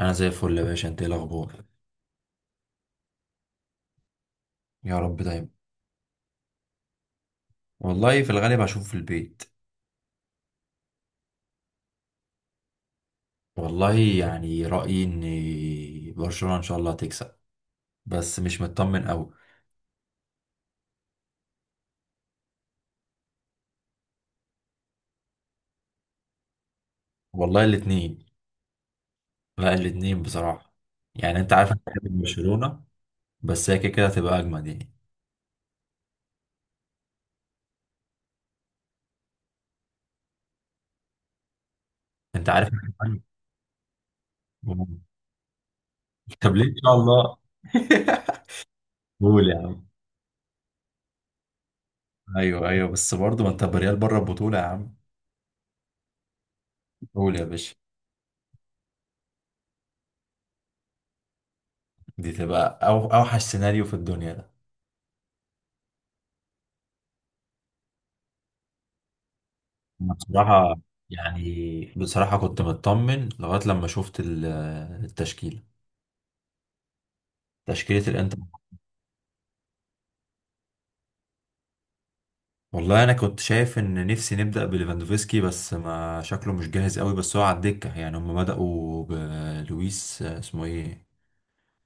انا زي الفل يا باشا، انت ايه الاخبار؟ يا رب دايما. والله في الغالب هشوف في البيت. والله يعني رايي ان برشلونه ان شاء الله هتكسب، بس مش مطمن قوي. والله الاتنين. لا الاتنين بصراحه. يعني انت عارف انا بحب برشلونه. بس هي كده كده هتبقى اجمد يعني. انت عارف. أنا- طب ليه ان شاء الله؟ قول يا عم. ايوه ايوه بس برضه ما انت بريال بره البطوله يا عم. قول يا باشا. دي تبقى أو اوحش سيناريو في الدنيا. أنا بصراحة، يعني بصراحة كنت مطمن لغاية لما شفت التشكيلة، تشكيلة الانتر. والله أنا كنت شايف إن نفسي نبدأ بليفاندوفسكي، بس ما شكله مش جاهز قوي، بس هو على الدكة، يعني هم بدأوا بلويس اسمه إيه،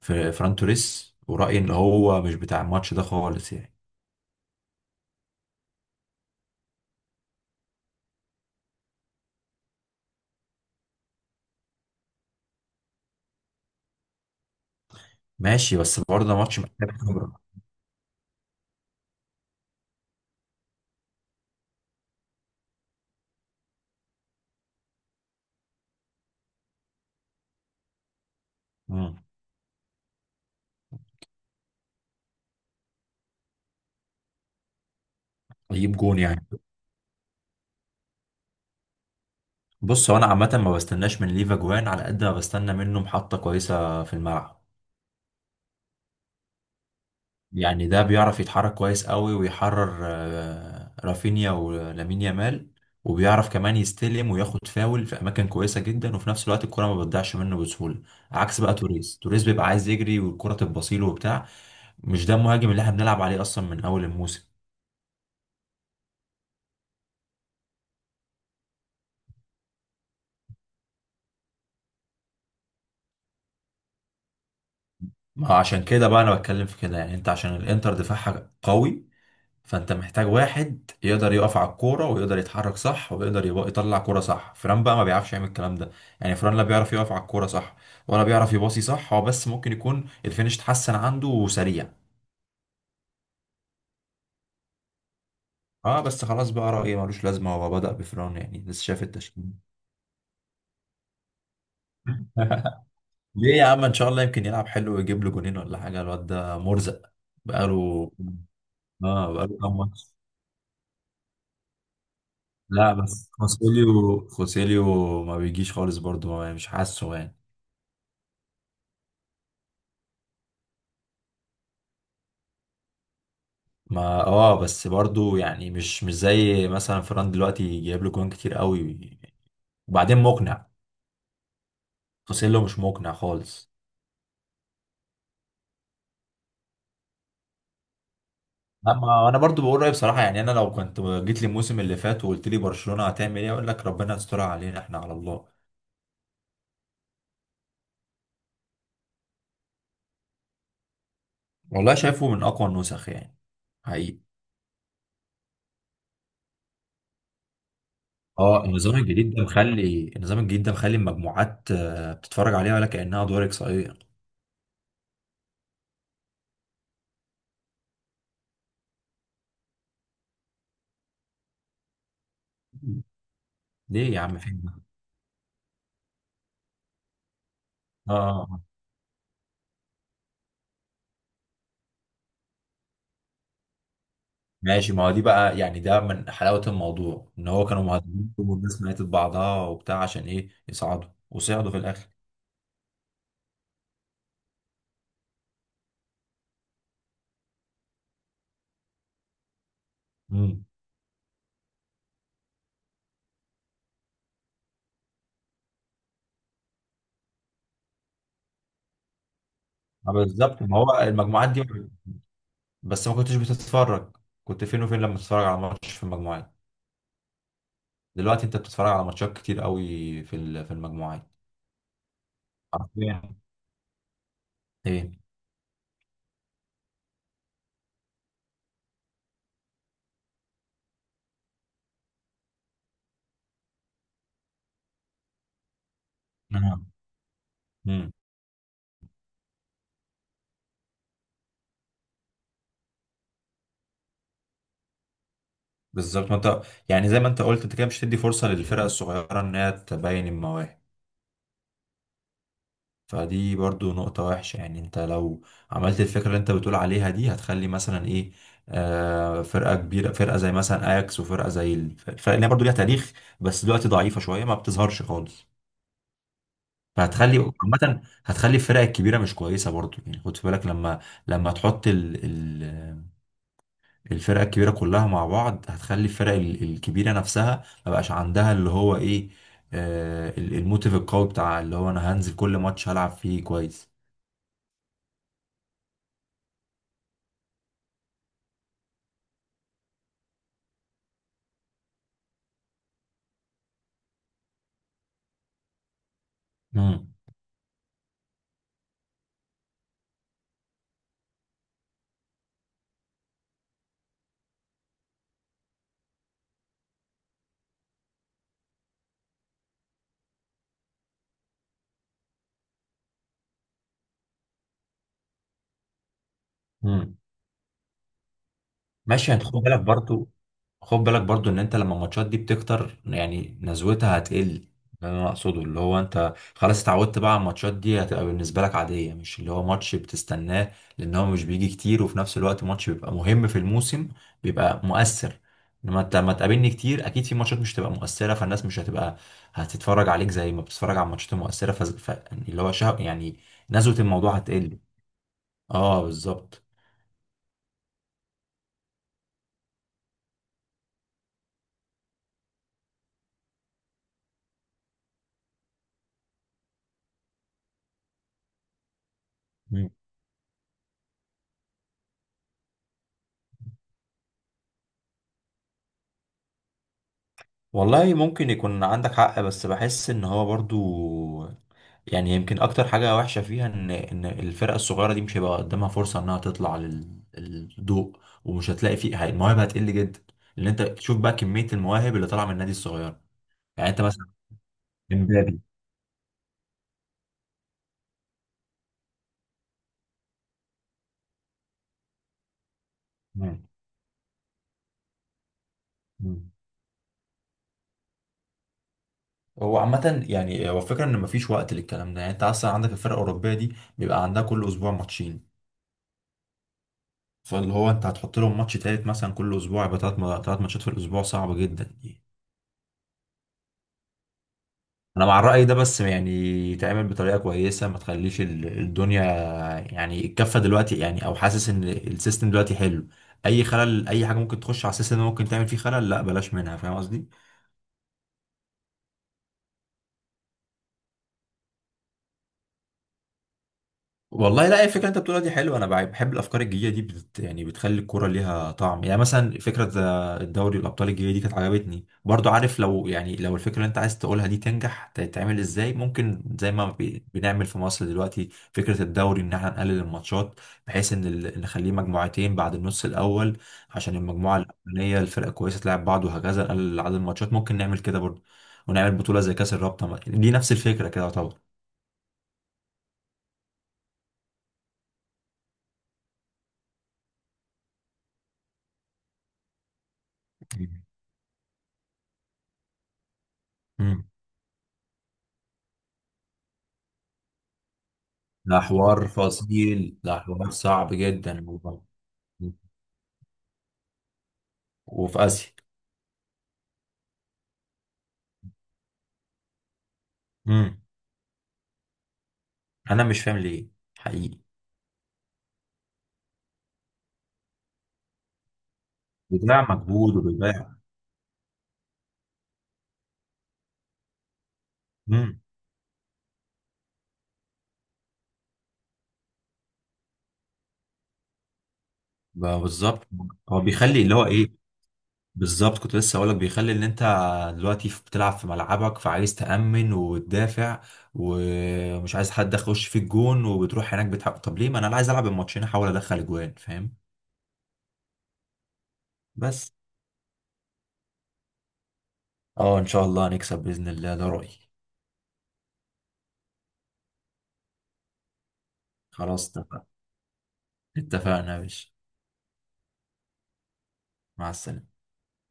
فران توريس، ورأيي إن هو مش بتاع الماتش ده خالص يعني. ماشي بس برضه ده ماتش محتاج خبرة. مم. يجيب جون يعني. بص هو أنا عامة ما بستناش من ليفا جوان على قد ما بستنى منه محطة كويسة في الملعب. يعني ده بيعرف يتحرك كويس قوي ويحرر رافينيا ولامين يامال. وبيعرف كمان يستلم وياخد فاول في اماكن كويسه جدا، وفي نفس الوقت الكره ما بتضيعش منه بسهوله. عكس بقى توريس، توريس بيبقى عايز يجري والكره تبصيله وبتاع. مش ده المهاجم اللي احنا بنلعب عليه اصلا من اول الموسم. ما هو عشان كده بقى انا بتكلم في كده، يعني انت عشان الانتر دفاعها قوي، فانت محتاج واحد يقدر يقف على الكوره ويقدر يتحرك صح ويقدر يبقى يطلع كوره صح، فران بقى ما بيعرفش يعمل الكلام ده. يعني فران لا بيعرف يقف على الكوره صح، ولا بيعرف يباصي صح، هو بس ممكن يكون الفينش اتحسن عنده وسريع. اه بس خلاص بقى رأيي ملوش لازمه، هو بدأ بفران يعني لسه شايف التشكيل. ليه يا عم، ان شاء الله يمكن يلعب حلو ويجيب له جونين ولا حاجه، الواد ده مرزق. بقاله اه بقاله كام ماتش. لا بس خوسيليو ما بيجيش خالص برضه، مش حاسه يعني. ما بس برضو يعني، مش زي مثلا فران دلوقتي جايب له جوان كتير قوي، وبعدين مقنع. خوسيلو مش مقنع خالص. اما انا برضو بقول رايي بصراحه، يعني انا لو كنت جيت لي الموسم اللي فات وقلت لي برشلونه هتعمل ايه، اقول لك ربنا يسترها علينا احنا على الله. والله شايفه من اقوى النسخ يعني، حقيقي. اه، النظام الجديد ده مخلي المجموعات بتتفرج عليها ولا كانها دور اقصائيه. ليه يا عم فين ده؟ اه. آه. ماشي ما هو دي بقى يعني، ده من حلاوة الموضوع ان هو كانوا مهددين والناس ماتت بعضها وبتاع عشان ايه يصعدوا، وصعدوا في الاخر. امم. ما بالظبط، ما هو المجموعات دي. بس ما كنتش بتتفرج، كنت فين وفين لما بتتفرج على ماتش في المجموعات؟ دلوقتي انت بتتفرج على ماتشات كتير قوي في في المجموعات. عارفين ايه. أها. امم. بالظبط ما انت، يعني زي ما انت قلت، انت كده مش هتدي فرصة للفرق الصغيرة انها تبين المواهب. فدي برضو نقطة وحشة، يعني انت لو عملت الفكرة اللي انت بتقول عليها دي، هتخلي مثلا ايه، فرقة كبيرة فرقة زي مثلا اياكس، وفرقة زي الفرق اللي هي برضو ليها تاريخ، بس دلوقتي ضعيفة شوية ما بتظهرش خالص. فهتخلي عامة، هتخلي الفرق الكبيرة مش كويسة برضو، يعني خد في بالك لما تحط ال ال الفرقة الكبيرة كلها مع بعض، هتخلي الفرق الكبيرة نفسها ما بقاش عندها اللي هو ايه، الموتيف القوي بتاع، اللي هو انا هنزل كل ماتش هلعب فيه كويس. مم. مم. ماشي، انت خد بالك برضو، خد بالك برضو ان انت لما الماتشات دي بتكتر يعني نزوتها هتقل. ده اللي انا اقصده، اللي هو انت خلاص اتعودت بقى على الماتشات دي هتبقى بالنسبه لك عاديه، مش اللي هو ماتش بتستناه لان هو مش بيجي كتير، وفي نفس الوقت ماتش بيبقى مهم في الموسم بيبقى مؤثر. لما انت ما تقابلني كتير، اكيد في ماتشات مش هتبقى مؤثره، فالناس مش هتبقى هتتفرج عليك زي ما بتتفرج على الماتشات المؤثره، يعني اللي هو شهق يعني، نزوه الموضوع هتقل. اه بالظبط. والله ممكن يكون عندك حق، بس بحس ان هو برضو يعني، يمكن اكتر حاجة وحشة فيها ان الفرقة الصغيرة دي مش هيبقى قدامها فرصة انها تطلع للضوء، ومش هتلاقي فيه، المواهب هتقل جدا لان انت تشوف بقى كمية المواهب اللي طالعة من النادي الصغير. يعني انت مثلا، امبابي. مم. مم. هو عامة يعني، هو الفكرة ان مفيش وقت للكلام ده، يعني انت اصلا عندك الفرقة الاوروبية دي بيبقى عندها كل اسبوع ماتشين، فاللي هو انت هتحط لهم ماتش تالت مثلا كل اسبوع، يبقى تلات ماتشات في الاسبوع، صعب جدا. انا مع الرأي ده، بس يعني يتعمل بطريقة كويسة، ما تخليش الدنيا يعني الكفة دلوقتي، يعني او حاسس ان السيستم دلوقتي حلو، اي خلل اي حاجة ممكن تخش على السيستم ده ممكن تعمل فيه خلل، لا بلاش منها، فاهم قصدي. والله لا، الفكره اللي انت بتقولها دي حلوه، انا بحب الافكار الجديده دي، يعني بتخلي الكوره ليها طعم يعني، مثلا فكره الدوري الابطال الجديده دي كانت عجبتني برضو، عارف لو يعني لو الفكره اللي انت عايز تقولها دي تنجح تتعمل ازاي ممكن زي ما بنعمل في مصر دلوقتي فكره الدوري، ان احنا نقلل الماتشات بحيث ان نخليه مجموعتين بعد النص الاول، عشان المجموعه الاولانيه الفرقه كويسه تلعب بعض، وهكذا نقلل عدد الماتشات ممكن نعمل كده برضو، ونعمل بطوله زي كاس الرابطه دي نفس الفكره كده. طبعا. ده حوار فصيل، ده حوار صعب جدا والله. وفي آسيا. امم. أنا مش فاهم ليه، حقيقي. بيضيع مجهود وبيضيع. امم. بقى بالظبط. هو بيخلي اللي هو إيه، بالظبط كنت لسه أقولك، بيخلي إن أنت دلوقتي بتلعب في ملعبك، فعايز تأمن وتدافع ومش عايز حد يخش في الجون، وبتروح هناك بتحقق، طب ليه ما أنا عايز ألعب الماتشين أحاول أدخل أجوان فاهم. بس. اه إن شاء الله هنكسب بإذن الله، ده رأيي. خلاص اتفقنا، اتفقنا يا باشا. مع السلامة.